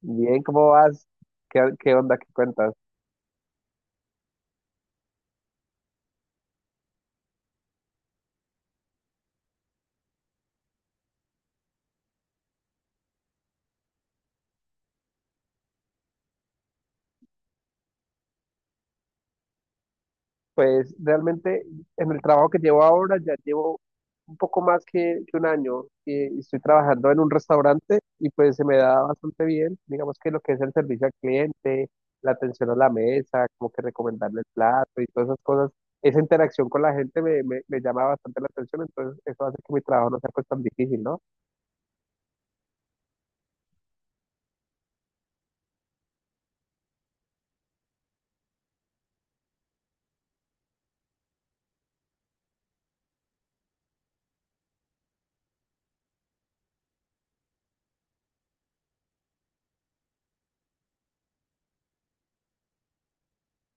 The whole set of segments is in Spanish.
Bien, ¿cómo vas? ¿Qué onda? ¿Qué cuentas? Pues realmente en el trabajo que llevo ahora ya llevo un poco más que un año y estoy trabajando en un restaurante y pues se me da bastante bien, digamos que lo que es el servicio al cliente, la atención a la mesa, como que recomendarle el plato y todas esas cosas, esa interacción con la gente me llama bastante la atención, entonces eso hace que mi trabajo no sea pues tan difícil, ¿no?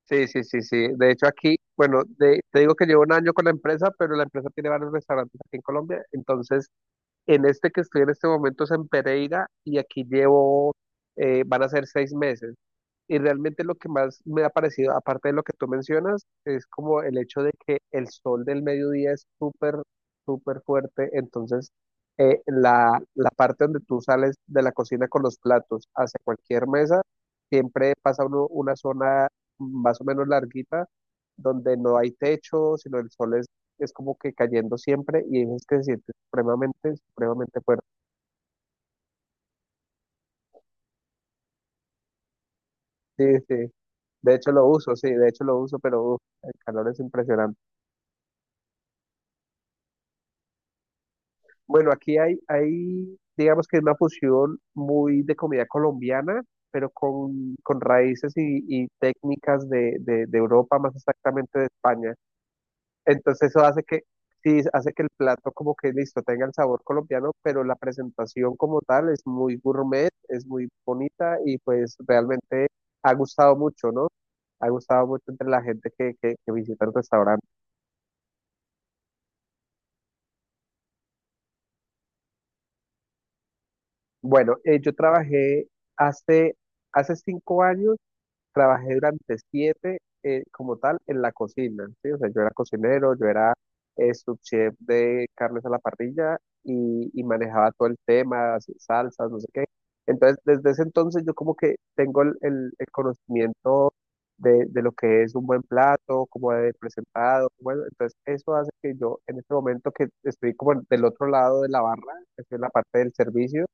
Sí, sí, sí, sí. De hecho, aquí, bueno, te digo que llevo un año con la empresa, pero la empresa tiene varios restaurantes aquí en Colombia. Entonces, en este que estoy en este momento es en Pereira y aquí llevo, van a ser seis meses. Y realmente lo que más me ha parecido, aparte de lo que tú mencionas, es como el hecho de que el sol del mediodía es súper, súper fuerte. Entonces, la parte donde tú sales de la cocina con los platos hacia cualquier mesa, siempre pasa uno una zona más o menos larguita, donde no hay techo, sino el sol es como que cayendo siempre y es que se siente supremamente, supremamente fuerte. Sí, sí. De hecho lo uso, sí, de hecho lo uso, pero uf, el calor es impresionante. Bueno, aquí hay, digamos que es una fusión muy de comida colombiana, pero con raíces y técnicas de Europa, más exactamente de España. Entonces eso hace que, sí, hace que el plato como que listo, tenga el sabor colombiano, pero la presentación como tal es muy gourmet, es muy bonita y pues realmente ha gustado mucho, ¿no? Ha gustado mucho entre la gente que visita el restaurante. Bueno, yo trabajé hace, hace cinco años. Trabajé durante siete, como tal en la cocina, ¿sí? O sea, yo era cocinero, yo era subchef de carnes a la parrilla y manejaba todo el tema, así, salsas, no sé qué. Entonces, desde ese entonces yo como que tengo el, el conocimiento de lo que es un buen plato, cómo debe ser presentado, bueno, entonces eso hace que yo en este momento que estoy como del otro lado de la barra, que estoy en la parte del servicio,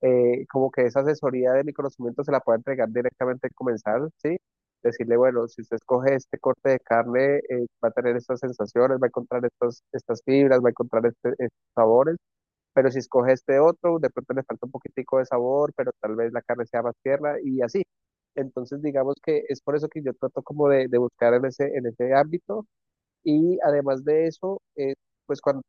como que esa asesoría de mi conocimiento se la pueda entregar directamente al comensal, ¿sí? Decirle, bueno, si usted escoge este corte de carne, va a tener estas sensaciones, va a encontrar estos, estas fibras, va a encontrar estos sabores, pero si escoge este otro, de pronto le falta un poquitico de sabor, pero tal vez la carne sea más tierna y así. Entonces, digamos que es por eso que yo trato como de buscar en ese ámbito y además de eso, pues cuando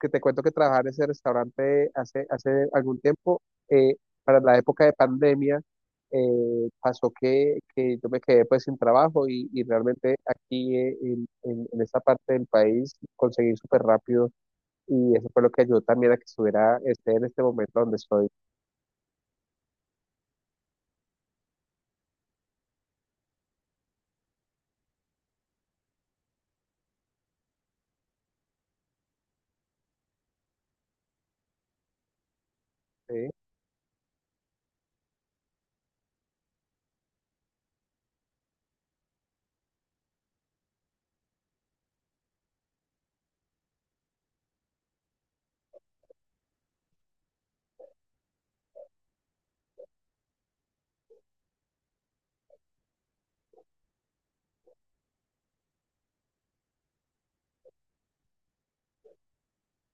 que te cuento que trabajaba en ese restaurante hace, hace algún tiempo, eh, para la época de pandemia, pasó que yo me quedé pues sin trabajo y realmente aquí en, en esta parte del país conseguí súper rápido y eso fue lo que ayudó también a que estuviera este en este momento donde estoy. ¿Sí?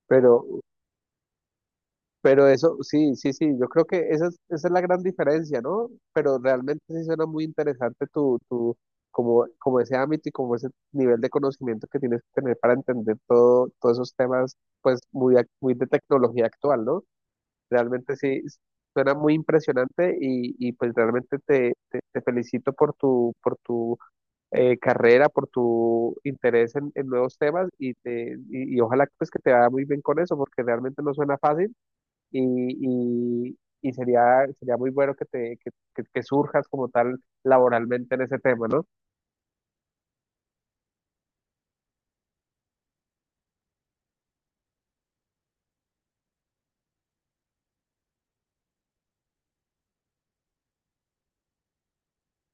Pero Pero eso, sí, sí, sí, yo creo que esa es la gran diferencia, ¿no? Pero realmente sí suena muy interesante tu, tu, como, como ese ámbito y como ese nivel de conocimiento que tienes que tener para entender todo, todos esos temas, pues muy, muy de tecnología actual, ¿no? Realmente sí, suena muy impresionante y pues realmente te, te felicito por tu carrera, por tu interés en nuevos temas y, te, y ojalá pues que te vaya muy bien con eso, porque realmente no suena fácil y, y sería, sería muy bueno que, te, que, que surjas como tal laboralmente en ese tema, ¿no?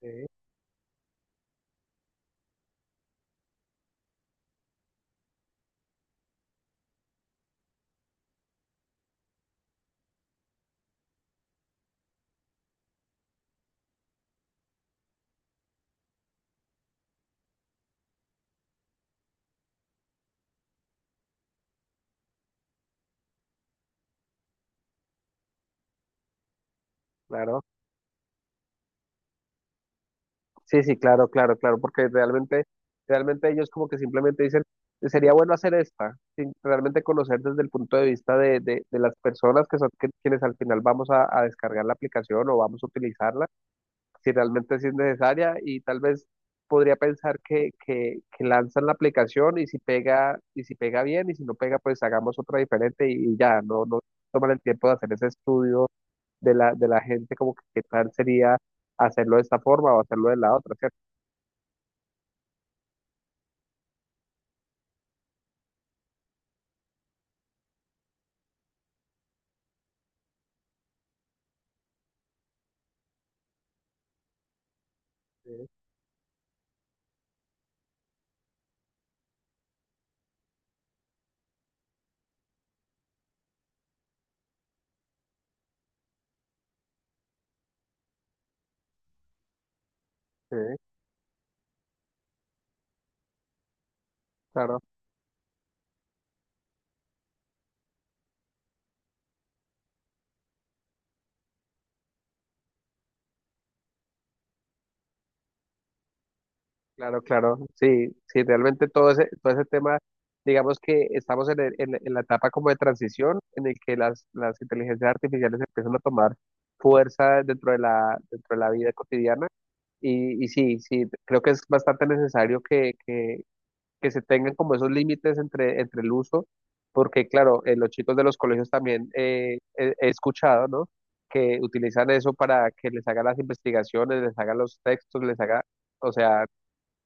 Sí, claro. Sí, sí, claro, claro, claro, porque realmente, realmente ellos como que simplemente dicen, sería bueno hacer esta, sin realmente conocer desde el punto de vista de, de las personas que son quienes al final vamos a descargar la aplicación o vamos a utilizarla si realmente sí es necesaria y tal vez podría pensar que lanzan la aplicación y si pega bien y si no pega, pues hagamos otra diferente y ya, no, no toman el tiempo de hacer ese estudio de la gente como que qué tal sería hacerlo de esta forma o hacerlo de la otra, ¿cierto? Sí, sí, claro. Claro, claro, sí, sí, realmente todo ese tema, digamos que estamos en, en la etapa como de transición en el que las inteligencias artificiales empiezan a tomar fuerza dentro de la vida cotidiana y sí, sí, creo que es bastante necesario que se tengan como esos límites entre, entre el uso, porque claro, los chicos de los colegios también he escuchado, ¿no? Que utilizan eso para que les hagan las investigaciones, les hagan los textos, les haga, o sea.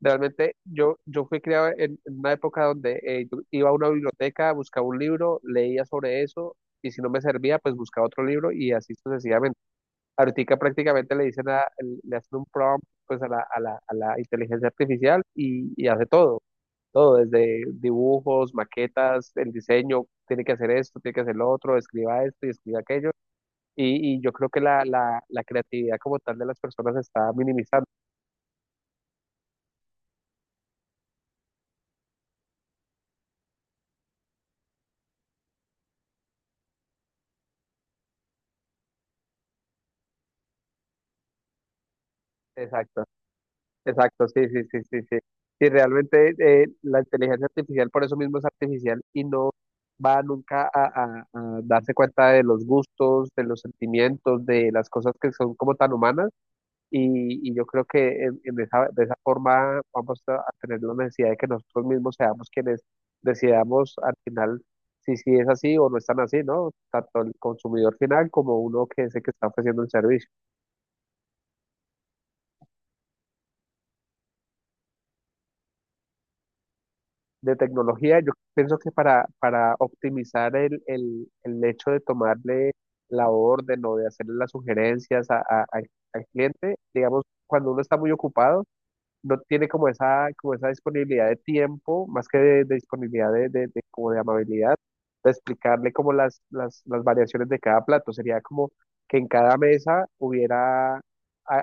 Realmente yo, yo fui criado en una época donde yo iba a una biblioteca, buscaba un libro, leía sobre eso y si no me servía, pues buscaba otro libro y así sucesivamente. Ahorita prácticamente le dicen a, le hacen un prompt pues a la, a la, a la inteligencia artificial y hace todo, todo, desde dibujos, maquetas, el diseño, tiene que hacer esto, tiene que hacer lo otro, escriba esto y escriba aquello. Y yo creo que la creatividad como tal de las personas se está minimizando. Exacto. Exacto, sí, sí, sí, sí, sí. Y realmente la inteligencia artificial por eso mismo es artificial y no va nunca a, a darse cuenta de los gustos, de los sentimientos, de las cosas que son como tan humanas. Y yo creo que en esa, de esa forma vamos a tener la necesidad de que nosotros mismos seamos quienes decidamos al final si sí es así o no es tan así, ¿no? Tanto el consumidor final como uno que es el que está ofreciendo el servicio. De tecnología, yo pienso que para optimizar el hecho de tomarle la orden o de hacerle las sugerencias al al cliente, digamos, cuando uno está muy ocupado, no tiene como esa disponibilidad de tiempo, más que de disponibilidad de, como de amabilidad, de explicarle como las variaciones de cada plato. Sería como que en cada mesa hubiera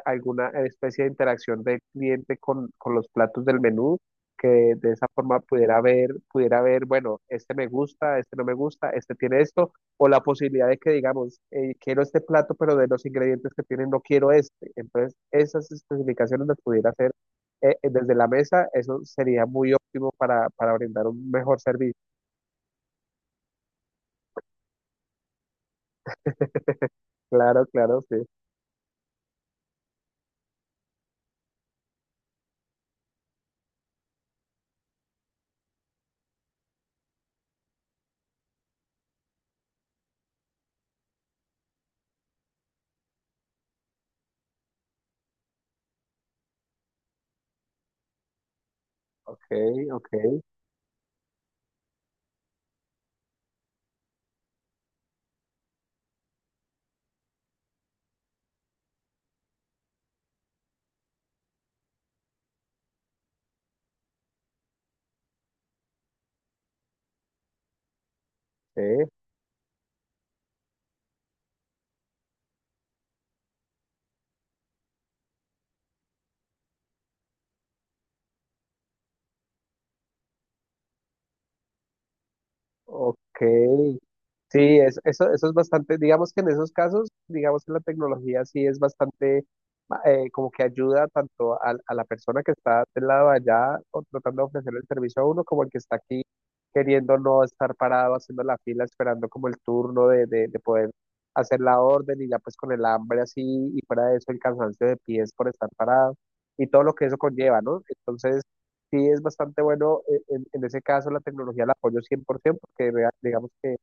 alguna especie de interacción del cliente con los platos del menú, que de esa forma pudiera ver, bueno, este me gusta, este no me gusta, este tiene esto, o la posibilidad de que digamos, quiero este plato, pero de los ingredientes que tienen no quiero este. Entonces, esas especificaciones las pudiera hacer desde la mesa, eso sería muy óptimo para brindar un mejor servicio. Claro, claro, sí. Ok, ok, sí. Ok, sí, eso, eso es bastante, digamos que en esos casos, digamos que la tecnología sí es bastante, como que ayuda tanto a la persona que está del lado de allá o tratando de ofrecer el servicio a uno, como el que está aquí queriendo no estar parado haciendo la fila, esperando como el turno de poder hacer la orden y ya pues con el hambre así y fuera de eso el cansancio de pies por estar parado y todo lo que eso conlleva, ¿no? Entonces... Sí, es bastante bueno en ese caso la tecnología la apoyo 100% porque digamos que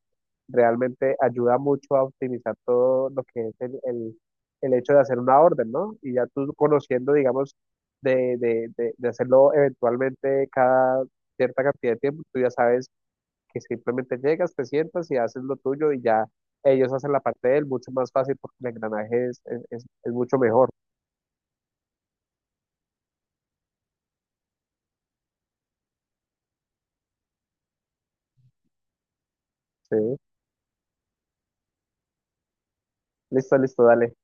realmente ayuda mucho a optimizar todo lo que es el, el hecho de hacer una orden, ¿no? Y ya tú conociendo, digamos, de, de hacerlo eventualmente cada cierta cantidad de tiempo, tú ya sabes que simplemente llegas, te sientas y haces lo tuyo y ya ellos hacen la parte de él mucho más fácil porque el engranaje es, es mucho mejor, ¿sí? Listo, listo, dale.